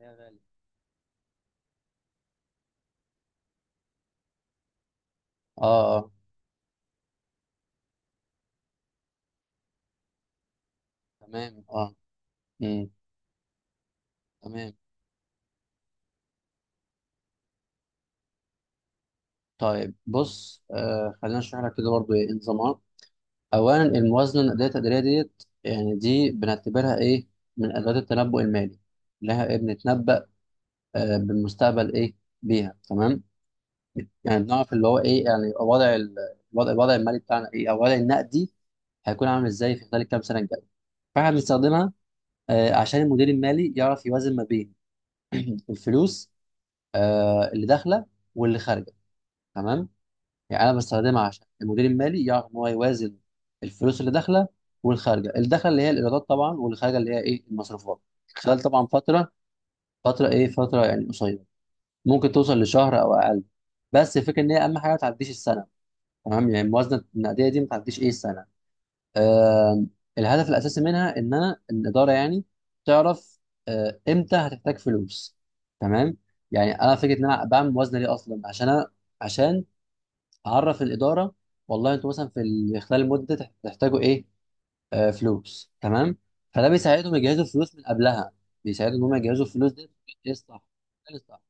يا غالي. اه. تمام، اه. امم. تمام. طيب، بص، خلينا نشرح لك كده برضو ايه نظامها. اولا الموازنه الادائيه التقديريه ديت، يعني دي بنعتبرها ايه، من ادوات التنبؤ المالي. لها ايه بنتنبأ؟ بالمستقبل، ايه بيها. تمام. يعني بنعرف اللي هو ايه، يعني يبقى وضع ال- الوضع الوضع المالي بتاعنا ايه، او الوضع النقدي، هيكون عامل ازاي في خلال الكام سنه الجايه. فاحنا بنستخدمها عشان المدير المالي يعرف يوازن ما بين الفلوس، اللي داخله واللي خارجه. تمام. يعني انا بستخدمها عشان المدير المالي يعرف ان هو يوازن الفلوس اللي داخله والخارجه، الدخل اللي هي الايرادات طبعا، والخارجه اللي هي ايه، المصروفات، خلال طبعا فتره ايه، فتره يعني قصيره، ممكن توصل لشهر او اقل، بس الفكره ان هي اهم حاجه ما تعديش السنه. تمام، يعني الموازنه النقديه دي ما تعديش ايه، السنه. آه. الهدف الاساسي منها ان انا الاداره يعني تعرف امتى هتحتاج فلوس. تمام. يعني انا فكره ان انا بعمل موازنه ليه اصلا، عشان عشان هعرف الاداره، والله انتوا مثلا خلال المده تحتاجوا ايه، فلوس. تمام. فده بيساعدهم يجهزوا الفلوس من قبلها، بيساعدهم ان هم يجهزوا الفلوس دي. ايه الصح، إيه الصح.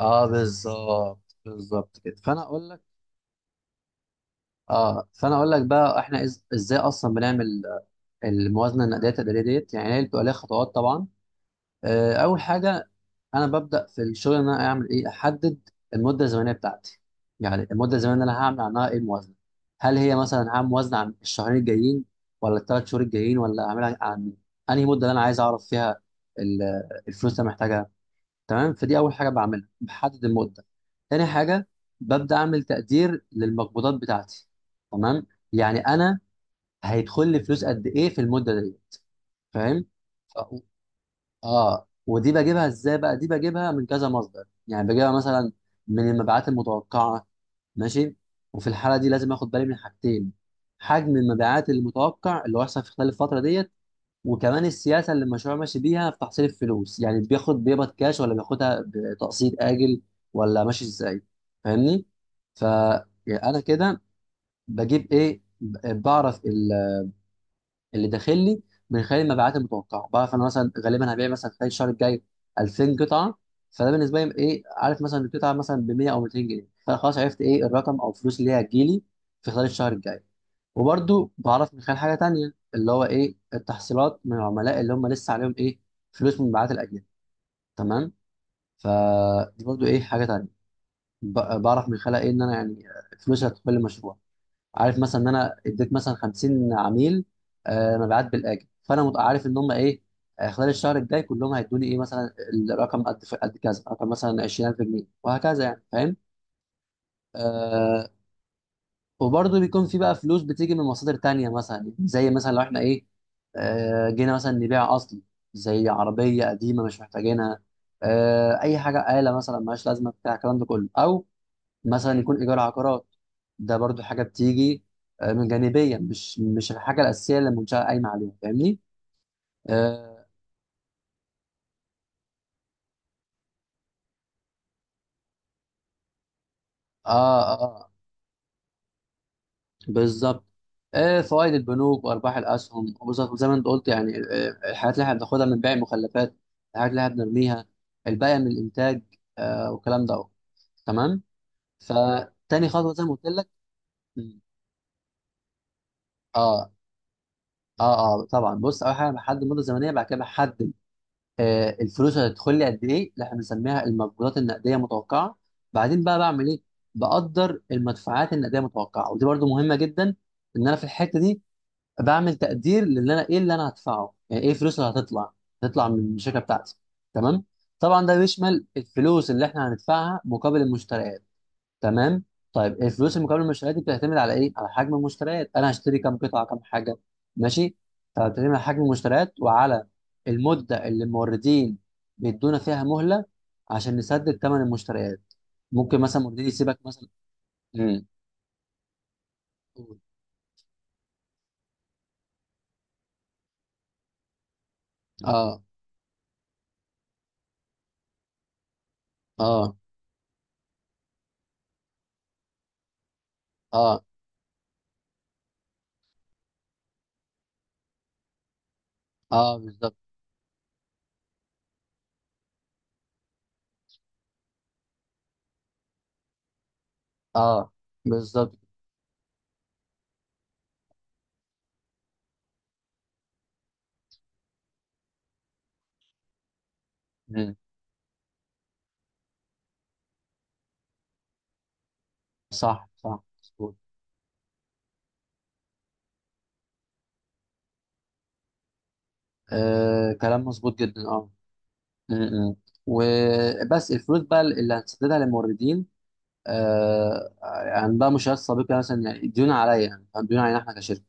اه، بالظبط، بالظبط كده. فانا اقول لك. بقى احنا ازاي اصلا بنعمل الموازنه النقديه التقديريه ديت. يعني هي بتبقى ليها خطوات طبعا. اول حاجه، انا ببدا في الشغل ان انا اعمل ايه، احدد المده الزمنيه بتاعتي. يعني المده الزمنيه اللي انا هعمل عنها ايه، الموازنه. هل هي مثلا هعمل موازنه عن الشهرين الجايين، ولا الثلاث شهور الجايين، ولا اعملها عن انهي مده اللي انا عايز اعرف فيها ال- الفلوس اللي أنا محتاجها؟ تمام. فدي اول حاجه بعملها، بحدد المده. تاني حاجه، ببدا اعمل تقدير للمقبوضات بتاعتي. تمام. يعني انا هيدخل لي فلوس قد ايه في المده ديت؟ فاهم. اه، ودي بجيبها ازاي بقى؟ دي بجيبها من كذا مصدر، يعني بجيبها مثلا من المبيعات المتوقعه. ماشي. وفي الحاله دي لازم اخد بالي من حاجتين: حجم المبيعات المتوقع اللي هو هيحصل في خلال الفتره ديت، وكمان السياسه اللي المشروع ماشي بيها في تحصيل الفلوس، يعني بياخد بيقبض كاش ولا بياخدها بتقسيط اجل، ولا ماشي ازاي. فاهمني؟ ف يعني انا كده بجيب ايه، بعرف اللي داخل لي من خلال المبيعات المتوقعه. بعرف انا مثلا غالبا هبيع مثلا خلال الشهر الجاي 2000 قطعه، فده بالنسبه لي ايه، عارف مثلا القطعه مثلا ب 100 او 200 جنيه، فخلاص عرفت ايه، الرقم او الفلوس اللي هي هتجيلي في خلال الشهر الجاي. وبرده بعرف من خلال حاجه تانيه اللي هو ايه، التحصيلات من العملاء اللي هم لسه عليهم ايه، فلوس من مبيعات الاجنبي. تمام. فدي برضو ايه، حاجه تانيه. بعرف من خلال ايه، ان انا يعني فلوس هتدخل المشروع. عارف مثلا ان انا اديت مثلا 50 عميل مبيعات بالاجل، فانا عارف ان هم ايه خلال الشهر الجاي كلهم هيدوني ايه مثلا، الرقم قد كذا، رقم مثلا 20,000 جنيه، وهكذا. يعني فاهم. آه. وبرضه بيكون في بقى فلوس بتيجي من مصادر تانية، مثلا يعني زي مثلا لو احنا ايه، جينا مثلا نبيع اصلي زي عربية قديمة مش محتاجينها، اي حاجة، آلة مثلا ملهاش لازمة، بتاع الكلام ده كله، او مثلا يكون ايجار عقارات. ده برضو حاجه بتيجي من جانبيه، مش الحاجه الاساسيه اللي المنشاه قايمه عليها. فاهمني. اه اه, آه بالظبط. فوائد البنوك وارباح الاسهم، وبالظبط زي ما انت قلت يعني، الحاجات اللي احنا بناخدها من بيع المخلفات، الحاجات اللي احنا بنرميها، الباقي من الانتاج، والكلام ده أهو. تمام. فتاني خطوه زي ما قلت لك. اه اه طبعا، بص، اول حاجه بحدد المده الزمنيه، بعد كده بحدد الفلوس هتدخل لي قد ايه، اللي احنا بنسميها المقبوضات النقديه متوقعه. بعدين بقى بعمل ايه؟ بقدر المدفوعات النقديه متوقعه. ودي برضو مهمه جدا، ان انا في الحته دي بعمل تقدير للي انا ايه، اللي انا هدفعه، يعني ايه، الفلوس اللي هتطلع، من الشركه بتاعتي. تمام. طبعا ده بيشمل الفلوس اللي احنا هندفعها مقابل المشتريات. تمام. طيب الفلوس المقابل المشتريات دي بتعتمد على ايه؟ على حجم المشتريات. انا هشتري كام قطعه، كام حاجه. ماشي. فبتعتمد على حجم المشتريات، وعلى المده اللي الموردين بيدونا فيها مهله عشان نسدد ثمن المشتريات. ممكن مثلا موردين يسيبك مثلا. امم. اه اه اه اه بالظبط، اه، بالظبط. مم. صح، صح، مظبوط. آه كلام مظبوط جدا. اه. م- م. وبس، الفلوس بقى اللي هنسددها للموردين، آه عندها مشكلات سابقه، مثلا يعني ديون عليا، يعني فاهم؟ ديون علينا احنا كشركه.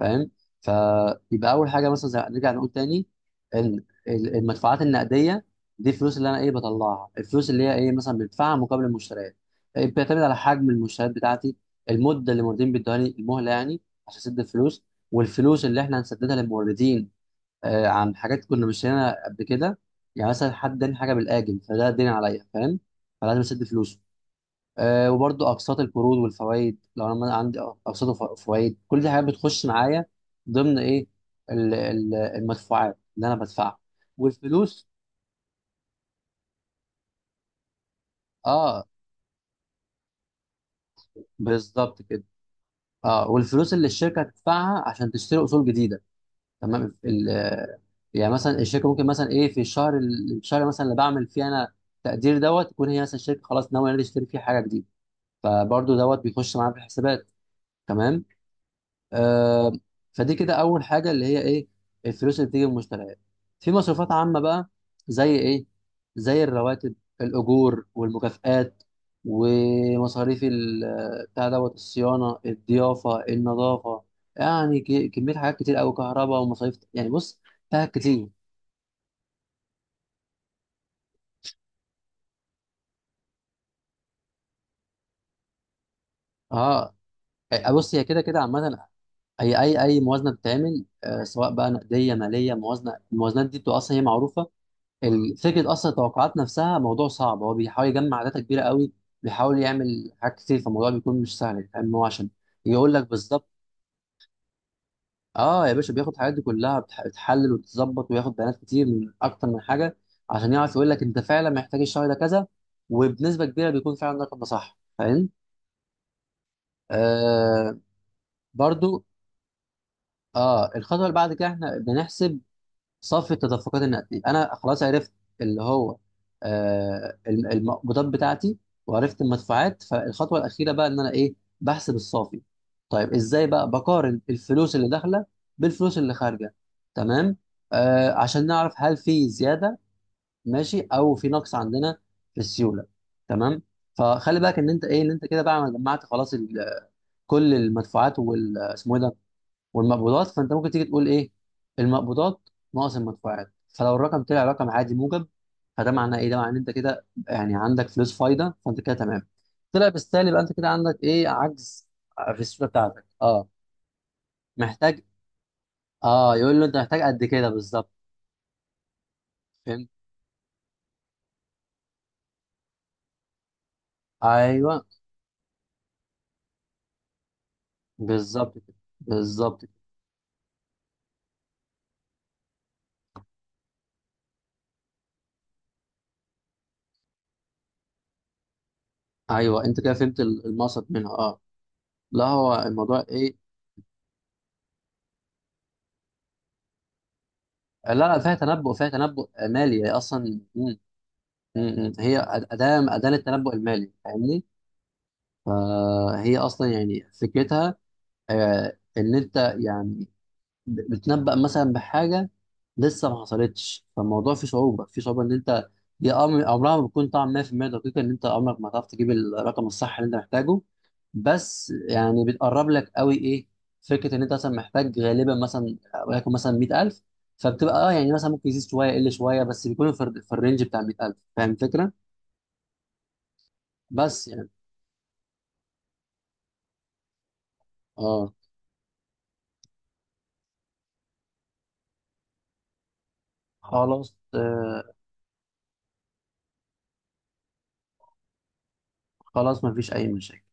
فاهم. فيبقى اول حاجه، مثلا زي نرجع نقول تاني، ان المدفوعات النقديه دي الفلوس اللي انا ايه، بطلعها، الفلوس اللي هي ايه مثلا، بدفعها مقابل المشتريات. إيه، بتعتمد على حجم المشتريات بتاعتي، المده اللي الموردين بيدوهاني المهله يعني عشان اسد الفلوس، والفلوس اللي احنا هنسددها للموردين عن حاجات كنا مشترينها قبل كده. يعني مثلا حد اداني حاجه بالاجل، فده دين عليا، فاهم، فلازم اسد فلوسه. وبرضو اقساط القروض والفوائد، لو انا عندي اقساط وفوائد، كل دي حاجات بتخش معايا ضمن ايه، المدفوعات اللي انا بدفعها. والفلوس. اه، بالظبط كده. اه والفلوس اللي الشركه هتدفعها عشان تشتري اصول جديده. تمام. يعني مثلا الشركه ممكن مثلا ايه، في الشهر الشهر مثلا اللي بعمل فيه انا تقدير دوت، تكون هي مثلا الشركه خلاص ناويه إن هي تشتري فيه حاجه جديده، فبرضو دوت بيخش معايا في الحسابات. تمام. آه. فدي كده اول حاجه اللي هي ايه، الفلوس اللي بتيجي من المشتريات. في مصروفات عامه بقى، زي ايه، زي الرواتب، الاجور والمكافآت، ومصاريف بتاع دوت، الصيانه، الضيافه، النظافه. يعني كميه حاجات كتير قوي، كهرباء ومصاريف، يعني بص، فيها كتير. اه. بص هي كده كده عامه. اي موازنه بتتعمل، سواء بقى نقديه، ماليه، موازنه، الموازنات دي بتبقى اصلا هي معروفه. فكره اصلا التوقعات نفسها موضوع صعب. هو بيحاول يجمع داتا كبيره قوي، بيحاول يعمل حاجات كتير، فالموضوع بيكون مش سهل، فاهم، هو عشان يقول لك بالظبط. اه يا باشا، بياخد الحاجات دي كلها، بتحلل وتتظبط وياخد بيانات كتير من اكتر من حاجه، عشان يعرف يقول لك انت فعلا محتاج الشهر ده كذا، وبنسبه كبيره بيكون فعلا الرقم ده صح. فاهم. آه برضو اه الخطوه اللي بعد كده احنا بنحسب صف التدفقات النقديه. انا خلاص عرفت اللي هو المقبوضات بتاعتي، وعرفت المدفوعات، فالخطوه الاخيره بقى ان انا ايه، بحسب الصافي. طيب ازاي بقى؟ بقارن الفلوس اللي داخله بالفلوس اللي خارجه. تمام، عشان نعرف هل في زياده ماشي، او في نقص عندنا في السيوله. تمام. فخلي بالك ان انت ايه، ان انت كده بقى جمعت خلاص كل المدفوعات وال، اسمه إيه ده، والمقبوضات. فانت ممكن تيجي تقول ايه، المقبوضات ناقص المدفوعات. فلو الرقم طلع رقم عادي موجب، فده معناه ايه، ده معناه ان انت كده يعني عندك فلوس فايده، فانت كده تمام. طلع بالسالب يبقى انت كده عندك ايه، عجز في الصوره بتاعتك. اه. محتاج. اه يقول له انت محتاج قد كده بالظبط. فهمت. ايوه بالظبط كده، بالظبط كده. ايوه انت كده فهمت المقصد منها. اه. لا، هو الموضوع ايه. لا لا فيها تنبؤ، فيها تنبؤ مالي، هي اصلا هي أداة للتنبؤ المالي، فاهمني؟ فهي أصلا يعني فكرتها إن أنت يعني بتنبأ مثلا بحاجة لسه ما حصلتش، فالموضوع فيه صعوبة، إن أنت هي أمر عمرها ما بتكون طبعا 100% دقيقة، إن أنت عمرك ما هتعرف تجيب الرقم الصح اللي أنت محتاجه. بس يعني بتقرب لك قوي إيه، فكرة إن أنت مثلا محتاج غالبا مثلا وليكن مثلا 100,000. فبتبقى اه يعني مثلا ممكن يزيد شوية يقل شوية، بس بيكون في الرينج بتاع 100,000. فاهم الفكرة؟ بس يعني. اه. خلاص، آه، خلاص مفيش أي مشاكل.